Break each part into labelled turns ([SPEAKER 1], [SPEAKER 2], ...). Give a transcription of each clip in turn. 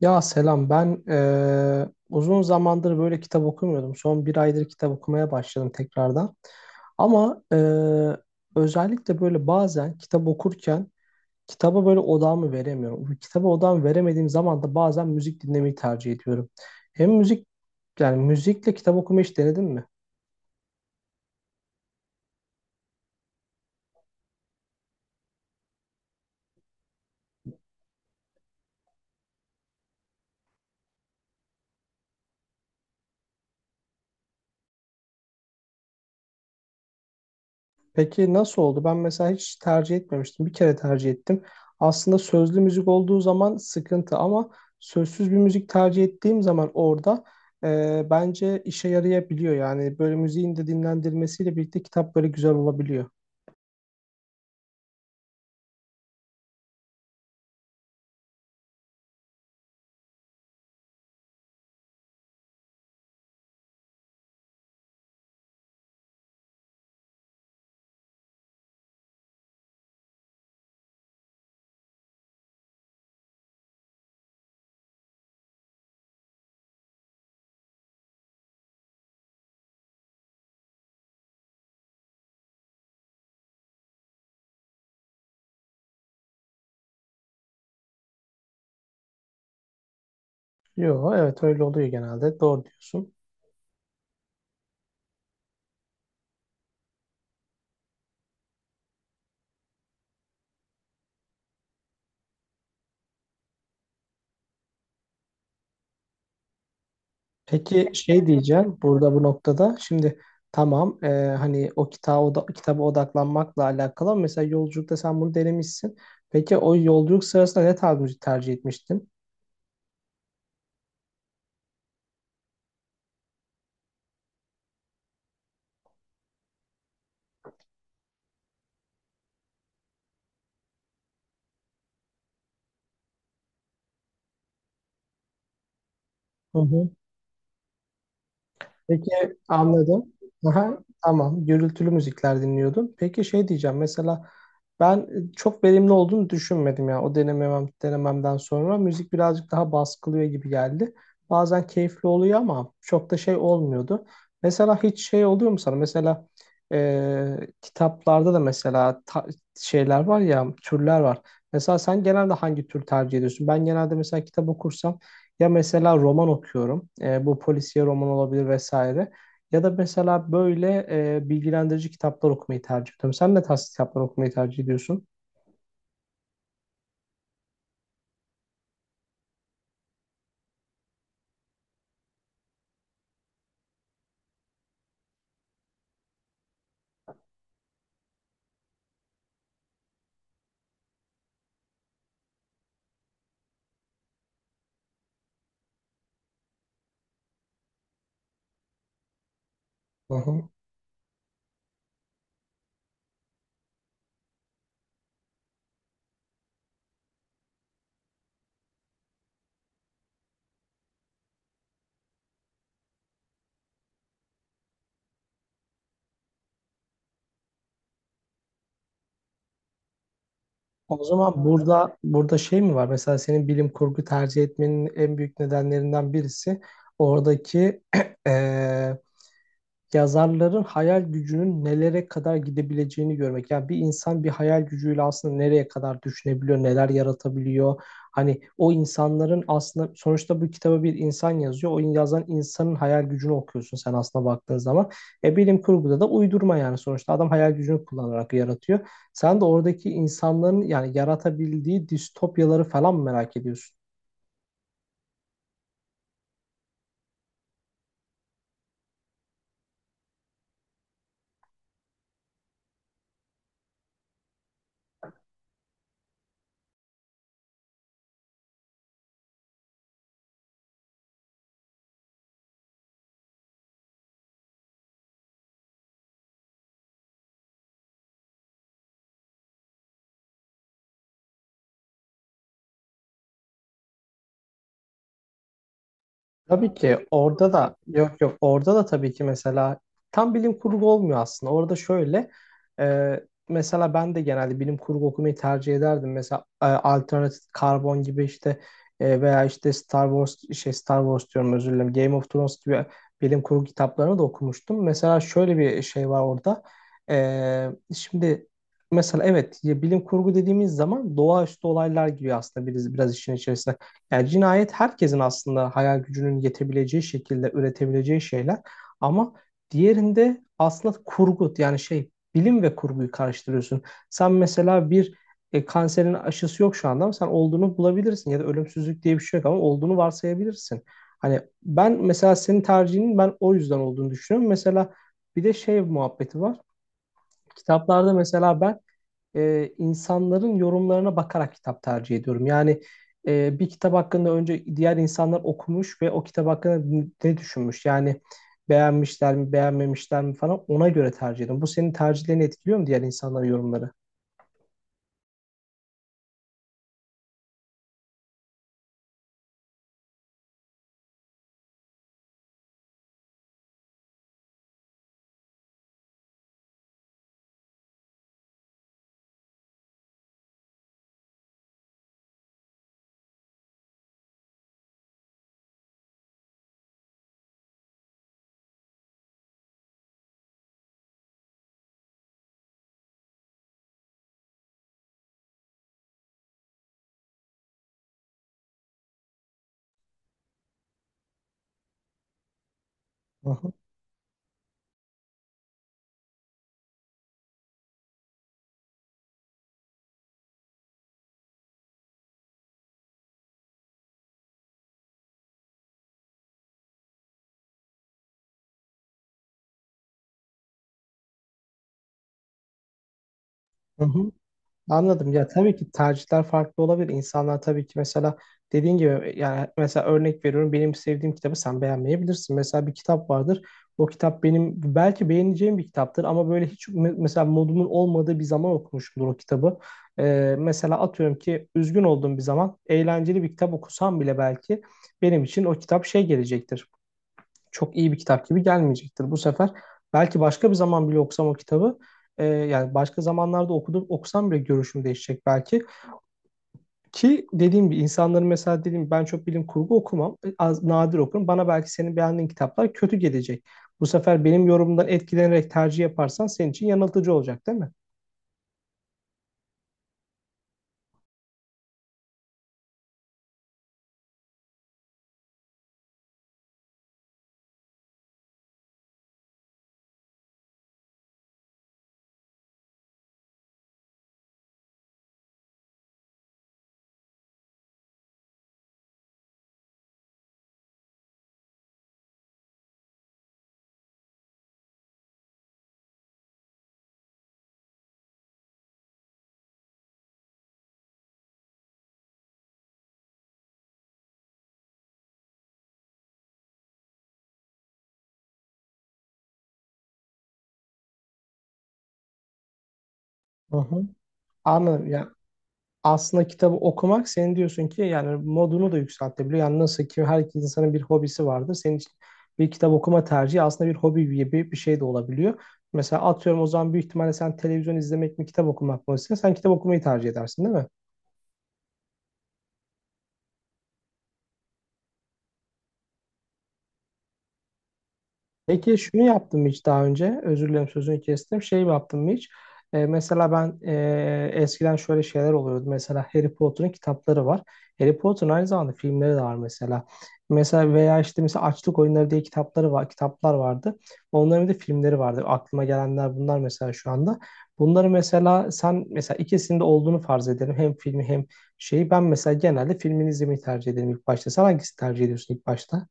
[SPEAKER 1] Ya selam ben uzun zamandır böyle kitap okumuyordum. Son bir aydır kitap okumaya başladım tekrardan. Ama özellikle böyle bazen kitap okurken kitaba böyle odağımı veremiyorum. Bu kitaba odağımı veremediğim zaman da bazen müzik dinlemeyi tercih ediyorum. Hem müzik yani müzikle kitap okumayı hiç denedin mi? Peki nasıl oldu? Ben mesela hiç tercih etmemiştim. Bir kere tercih ettim. Aslında sözlü müzik olduğu zaman sıkıntı ama sözsüz bir müzik tercih ettiğim zaman orada bence işe yarayabiliyor. Yani böyle müziğin de dinlendirmesiyle birlikte kitap böyle güzel olabiliyor. Yo, evet öyle oluyor genelde. Doğru diyorsun. Peki şey diyeceğim burada bu noktada şimdi tamam hani o kitaba, oda, kitaba odaklanmakla alakalı ama mesela yolculukta sen bunu denemişsin. Peki o yolculuk sırasında ne tarz müzik tercih etmiştin? Hı hı. Peki, anladım. Aha, tamam gürültülü müzikler dinliyordun. Peki şey diyeceğim mesela ben çok verimli olduğunu düşünmedim ya o denememem, denememden sonra müzik birazcık daha baskılıyor gibi geldi. Bazen keyifli oluyor ama çok da şey olmuyordu. Mesela hiç şey oluyor mu sana? Mesela kitaplarda da mesela şeyler var ya türler var. Mesela sen genelde hangi tür tercih ediyorsun? Ben genelde mesela kitap okursam ya mesela roman okuyorum. E, bu polisiye roman olabilir vesaire. Ya da mesela böyle bilgilendirici kitaplar okumayı tercih ediyorum. Sen ne tarz kitaplar okumayı tercih ediyorsun? Hı hı. O zaman burada şey mi var? Mesela senin bilim kurgu tercih etmenin en büyük nedenlerinden birisi oradaki eee, yazarların hayal gücünün nelere kadar gidebileceğini görmek. Yani bir insan bir hayal gücüyle aslında nereye kadar düşünebiliyor, neler yaratabiliyor. Hani o insanların aslında sonuçta bu kitaba bir insan yazıyor. O yazan insanın hayal gücünü okuyorsun sen aslında baktığın zaman. E, bilim kurguda da uydurma yani sonuçta adam hayal gücünü kullanarak yaratıyor. Sen de oradaki insanların yani yaratabildiği distopyaları falan merak ediyorsun. Tabii ki orada da yok, orada da tabii ki mesela tam bilim kurgu olmuyor aslında. Orada şöyle e, mesela ben de genelde bilim kurgu okumayı tercih ederdim. Mesela Alternative karbon gibi işte veya işte Star Wars Star Wars diyorum, özür dilerim. Game of Thrones gibi bilim kurgu kitaplarını da okumuştum. Mesela şöyle bir şey var orada. E, şimdi mesela evet ya bilim kurgu dediğimiz zaman doğaüstü olaylar gibi aslında biraz işin içerisine. Yani cinayet herkesin aslında hayal gücünün yetebileceği şekilde üretebileceği şeyler. Ama diğerinde aslında kurgu yani şey, bilim ve kurguyu karıştırıyorsun. Sen mesela bir kanserin aşısı yok şu anda ama sen olduğunu bulabilirsin ya da ölümsüzlük diye bir şey yok ama olduğunu varsayabilirsin. Hani ben mesela senin tercihinin ben o yüzden olduğunu düşünüyorum. Mesela bir de şey muhabbeti var. Kitaplarda mesela ben insanların yorumlarına bakarak kitap tercih ediyorum. Yani bir kitap hakkında önce diğer insanlar okumuş ve o kitap hakkında ne düşünmüş? Yani beğenmişler mi, beğenmemişler mi falan ona göre tercih ediyorum. Bu senin tercihlerini etkiliyor mu diğer insanların yorumları? Hı hı. Hı hı. Anladım. Ya tabii ki tercihler farklı olabilir. İnsanlar tabii ki mesela dediğin gibi yani mesela örnek veriyorum benim sevdiğim kitabı sen beğenmeyebilirsin. Mesela bir kitap vardır. O kitap benim belki beğeneceğim bir kitaptır ama böyle hiç mesela modumun olmadığı bir zaman okumuşumdur o kitabı. Mesela atıyorum ki üzgün olduğum bir zaman eğlenceli bir kitap okusam bile belki benim için o kitap şey gelecektir, çok iyi bir kitap gibi gelmeyecektir bu sefer. Belki başka bir zaman bile okusam o kitabı yani başka zamanlarda okusam bile görüşüm değişecek belki. Ki dediğim gibi insanların mesela dediğim ben çok bilim kurgu okumam. Az, nadir okurum. Bana belki senin beğendiğin kitaplar kötü gelecek. Bu sefer benim yorumumdan etkilenerek tercih yaparsan senin için yanıltıcı olacak değil mi? Hı hı. Anladım. Yani aslında kitabı okumak senin diyorsun ki yani modunu da yükseltebiliyor. Yani nasıl ki her insanın bir hobisi vardır. Senin için bir kitap okuma tercihi aslında bir hobi gibi bir şey de olabiliyor. Mesela atıyorum o zaman büyük ihtimalle sen televizyon izlemek mi kitap okumak mı istiyorsun? Sen kitap okumayı tercih edersin değil mi? Peki şunu yaptım mı hiç daha önce? Özür dilerim, sözünü kestim. Şey mi yaptım mı hiç? E, mesela ben eskiden şöyle şeyler oluyordu. Mesela Harry Potter'ın kitapları var. Harry Potter'ın aynı zamanda filmleri de var mesela. Mesela veya işte mesela Açlık Oyunları diye kitapları var, kitaplar vardı. Onların bir de filmleri vardı. Aklıma gelenler bunlar mesela şu anda. Bunları mesela sen mesela ikisinde olduğunu farz edelim. Hem filmi hem şeyi, ben mesela genelde filmini izlemeyi tercih ederim ilk başta. Sen hangisini tercih ediyorsun ilk başta?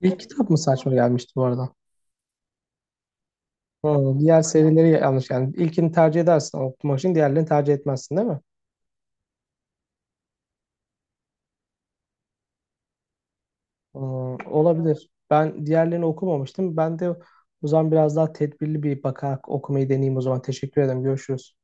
[SPEAKER 1] İlk kitap mı saçma gelmişti bu arada? Hı, diğer serileri yanlış yani. İlkini tercih edersin okumak için, diğerlerini tercih etmezsin değil mi? Hmm, olabilir. Ben diğerlerini okumamıştım. Ben de o zaman biraz daha tedbirli bir bakarak okumayı deneyeyim o zaman. Teşekkür ederim. Görüşürüz.